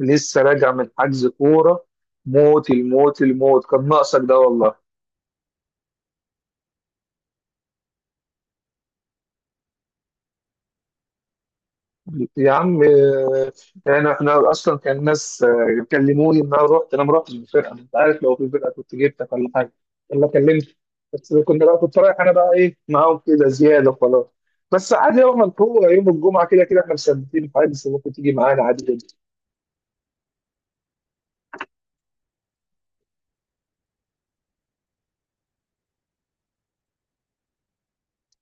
لسه راجع من حجز كورة. موت الموت كان ناقصك ده والله. يا عم، يعني احنا اصلا كان ناس، كلموني ان انا رحت، انا ما رحتش بفرقه. انت عارف لو في فرقه كنت جبتك، ولا حاجه ولا كلمت. بس كنا بقى، كنت رايح انا بقى ايه معاهم كده زياده وخلاص. بس عادي يوم القوه يوم الجمعه، كده كده احنا مثبتين حاجه، بس ممكن تيجي معانا عادي جدا.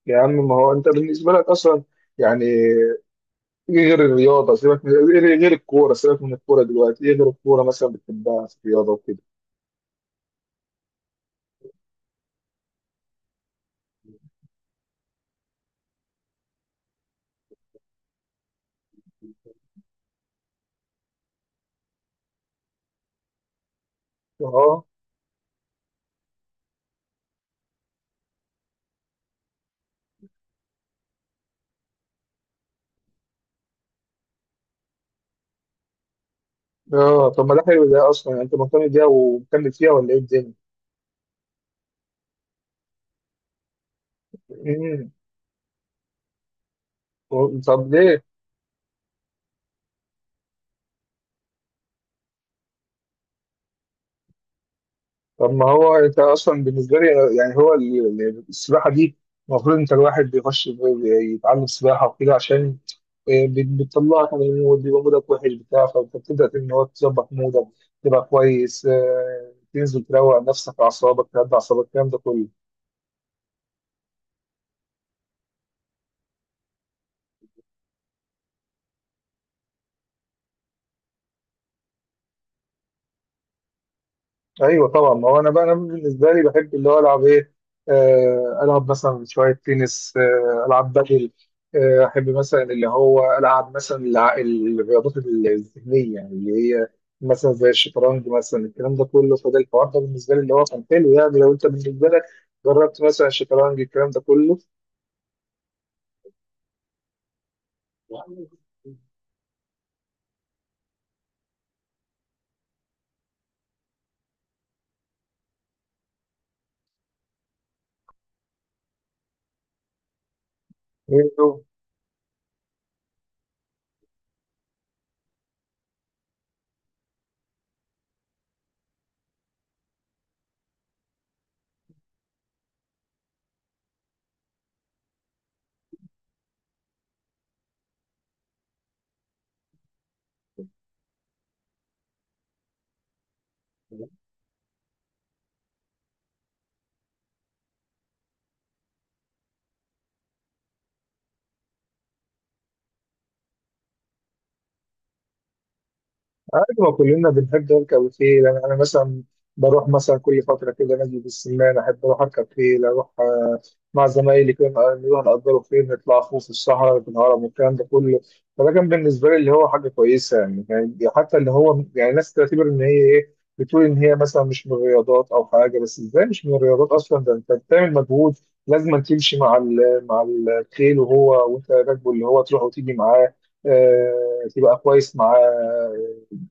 يا عم ما هو انت بالنسبه لك اصلا، يعني إيه غير الرياضة؟ سيبك من إيه غير الكورة، سيبك من الكورة دلوقتي. إيه غير الكورة مثلا بتحبها في الرياضة وكده؟ أه. أه، طب ما ده حلو ده أصلا. يعني أنت مهتم بيها ومكمل فيها ولا إيه الدنيا؟ مم. طب ليه؟ طب ما هو أنت أصلا بالنسبة لي، يعني هو السباحة دي، المفروض أنت الواحد بيخش يتعلم سباحة وكده، عشان بتطلعك من المود. بيبقى مودك وحش بتاع، فأنت بتبدأ إن هو تظبط مودك، تبقى كويس، تنزل تروق نفسك، أعصابك تهدى أعصابك، الكلام ده كله. ايوه طبعا. ما هو انا بالنسبه لي بحب اللي هو العب ايه؟ العب مثلا شويه تنس، العب بدل، احب مثلا اللي هو العب مثلا الرياضات الذهنيه، يعني اللي هي مثلا زي الشطرنج مثلا، الكلام ده كله. فده الحوار ده بالنسبه لي اللي هو كان حلو. يعني لو انت بالنسبه لك جربت مثلا الشطرنج، الكلام ده كله. عادي، ما كلنا بنحب نركب الخيل. انا مثلا بروح مثلا كل فتره كده نادي بالسمان، احب اروح اركب خيل. اروح مع زمايلي كده، نروح نأجروا خيل، نطلع خوف في الصحراء في الهرم والكلام ده كله. فده كان بالنسبه لي اللي هو حاجه كويسه. يعني يعني حتى اللي هو يعني ناس تعتبر ان هي ايه، بتقول ان هي مثلا مش من الرياضات او حاجه. بس ازاي مش من الرياضات اصلا؟ ده انت بتعمل مجهود، لازم أن تمشي مع مع الخيل، وهو وانت راكبه اللي هو تروح وتيجي معاه، تبقى كويس معاه،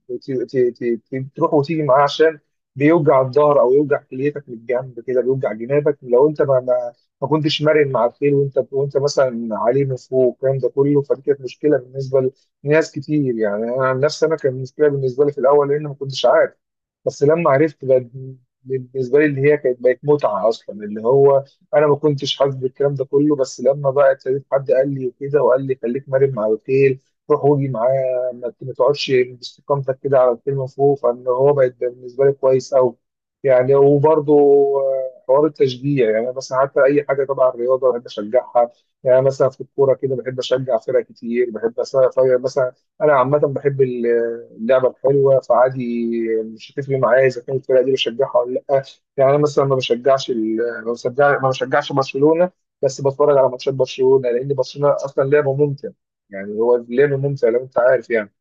تروح وتيجي معاه، عشان بيوجع الظهر او يوجع كليتك من الجنب كده، بيوجع جنابك لو انت ما كنتش مرن مع الخيل، وانت وانت مثلا عليه من فوق والكلام ده كله. فدي كانت مشكله بالنسبه لناس كتير. يعني انا عن نفسي انا كان مشكله بالنسبه لي في الاول لان ما كنتش عارف. بس لما عرفت بقى، بالنسبه لي اللي هي كانت بقت متعه اصلا. اللي هو انا ما كنتش حاسس بالكلام ده كله، بس لما بقى ابتديت حد قال لي وكده وقال لي خليك مرن مع الخيل، روح واجي معاه، ما ما تقعدش باستقامتك كده على الكلمه فوق، فان هو بقت بالنسبه لي كويس قوي. يعني وبرضه حوار التشجيع، يعني أنا مثلا حتى اي حاجه تبع الرياضه بحب اشجعها. يعني مثلا في الكوره كده بحب اشجع فرق كتير، بحب مثلا انا عامه بحب اللعبه الحلوه فعادي. مش هتفرق معايا اذا كانت الفرقه دي بشجعها ولا لا. يعني انا مثلا ما بشجعش ال- ما بشجع- ما بشجعش برشلونه، بس بتفرج على ماتشات برشلونه لان برشلونه اصلا لعبه ممتع. يعني هو لعبه ممتع لو انت عارف يعني.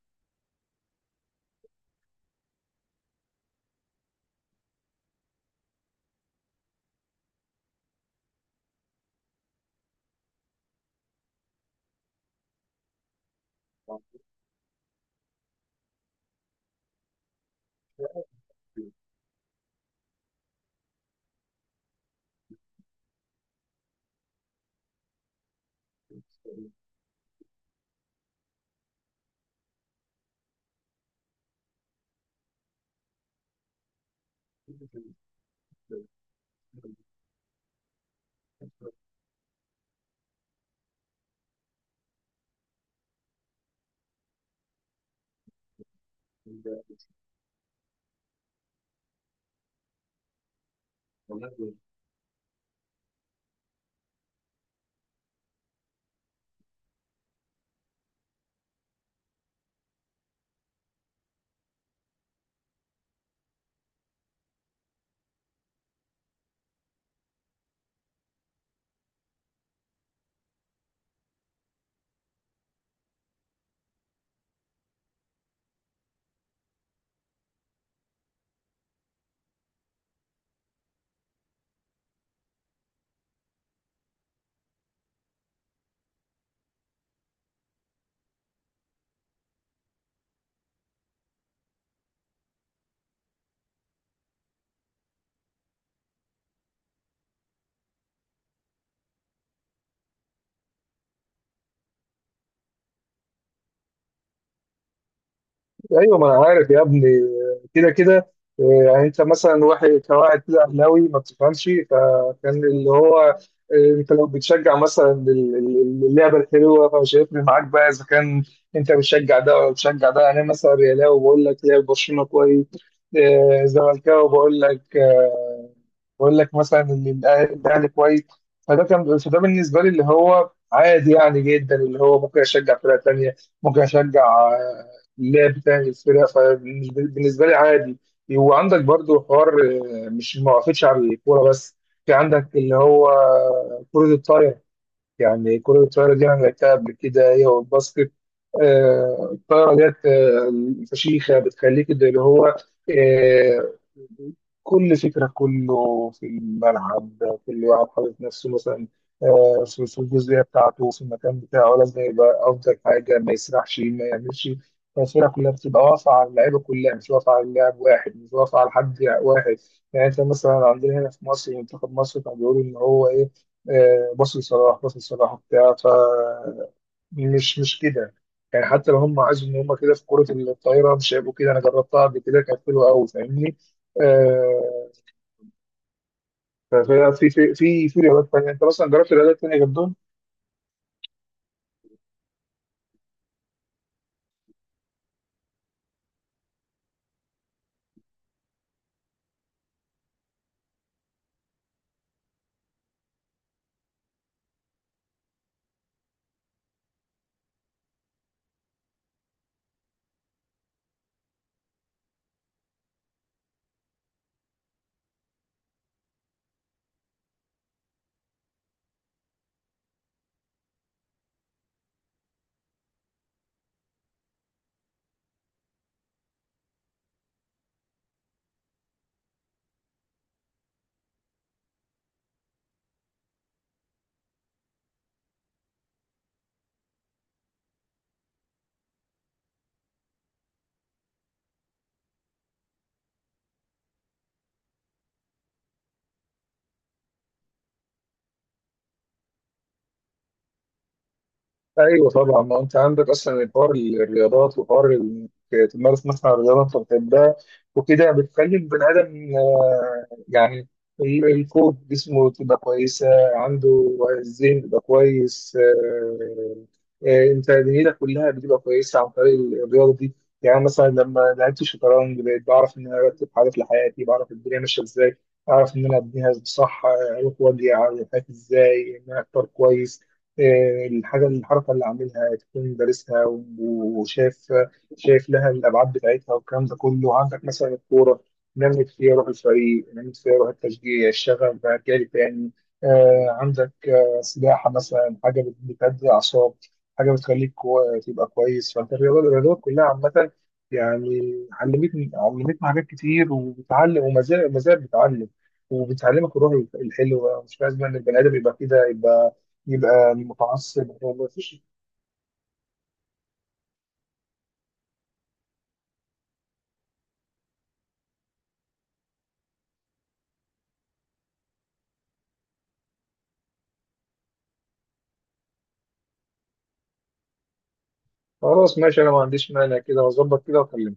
ايوه ما انا عارف يا ابني، كده كده. آه، يعني انت مثلا واحد كواحد كده اهلاوي ما بتفهمش، فكان اللي هو انت لو بتشجع مثلا اللعبه الحلوه، فمش هيفرق معاك بقى اذا كان انت بتشجع ده ولا بتشجع ده. يعني انا مثلا ريالاوي بقول لك لعب برشلونه كويس، زملكاوي بقول لك مثلا الاهلي كويس. فده كان، فده بالنسبه لي اللي هو عادي يعني جدا. اللي هو ممكن اشجع فرقه تانيه، ممكن اشجع اللاعب بتاع الفرقه، فبالنسبه لي عادي. وعندك برضو حوار، مش ما وقفتش على الكوره بس، في عندك اللي هو كره الطايره. يعني كرة الطايرة دي أنا لعبتها قبل كده هي والباسكت. الطايرة ديت فشيخة، بتخليك ده اللي هو آه، كل فكرة كله في الملعب. كل واحد حاطط نفسه مثلا في الجزئية بتاعته في المكان بتاعه، لازم يبقى أفضل حاجة، ما يسرحش ما يعملش. الفرقة كلها بتبقى واقفة على اللعيبة كلها، مش واقفة على لاعب واحد، مش واقفة على حد واحد. يعني أنت مثلا عندنا هنا في مصر منتخب مصر كان بيقول إن هو إيه، باص لصلاح، باص لصلاح وبتاع، مش كده. يعني حتى لو هم عايزوا ان هم كده في كرة الطايرة مش هيبقوا كده. انا جربتها قبل كده كانت حلوة قوي فاهمني؟ آه، في رياضات تانية. انت مثلا جربت رياضات تانية جنبهم؟ ايوه طبعا. ما انت عندك اصلا الحوار الرياضات، وحوار انك تمارس مثلا رياضه انت بتحبها، وكده بتخلي البني ادم يعني القوة جسمه تبقى كويسه، عنده الذهن بيبقى كويس. انت دنيتك كلها بتبقى كويسه عن طريق الرياضه دي. يعني مثلا لما لعبت الشطرنج بقيت بعرف ان انا ارتب حاجات لحياتي، بعرف الدنيا ماشيه ازاي، اعرف ان انا ابنيها صح، اروح واجي على حياتي ازاي ان انا اختار كويس. الحاجة الحركة اللي عاملها تكون دارسها، و- وشاف شايف لها الأبعاد بتاعتها والكلام ده كله. عندك مثلا الكورة، نمت فيها روح الفريق، نمت فيها روح التشجيع، الشغف بقى جالي تاني. عندك سباحة مثلا، حاجة بتهدي الأعصاب، حاجة بتخليك تبقى كويس. فأنت الرياضات كلها عامة يعني علمتني حاجات كتير، وبتعلم. وما زال ما زال بتعلم، وبتعلمك الروح الحلوة. مش لازم إن البني آدم يبقى كده، يبقى متعصب. هو مفيش. خلاص ماشي، انا ما عنديش مانع كده، هظبط كده واكلمك.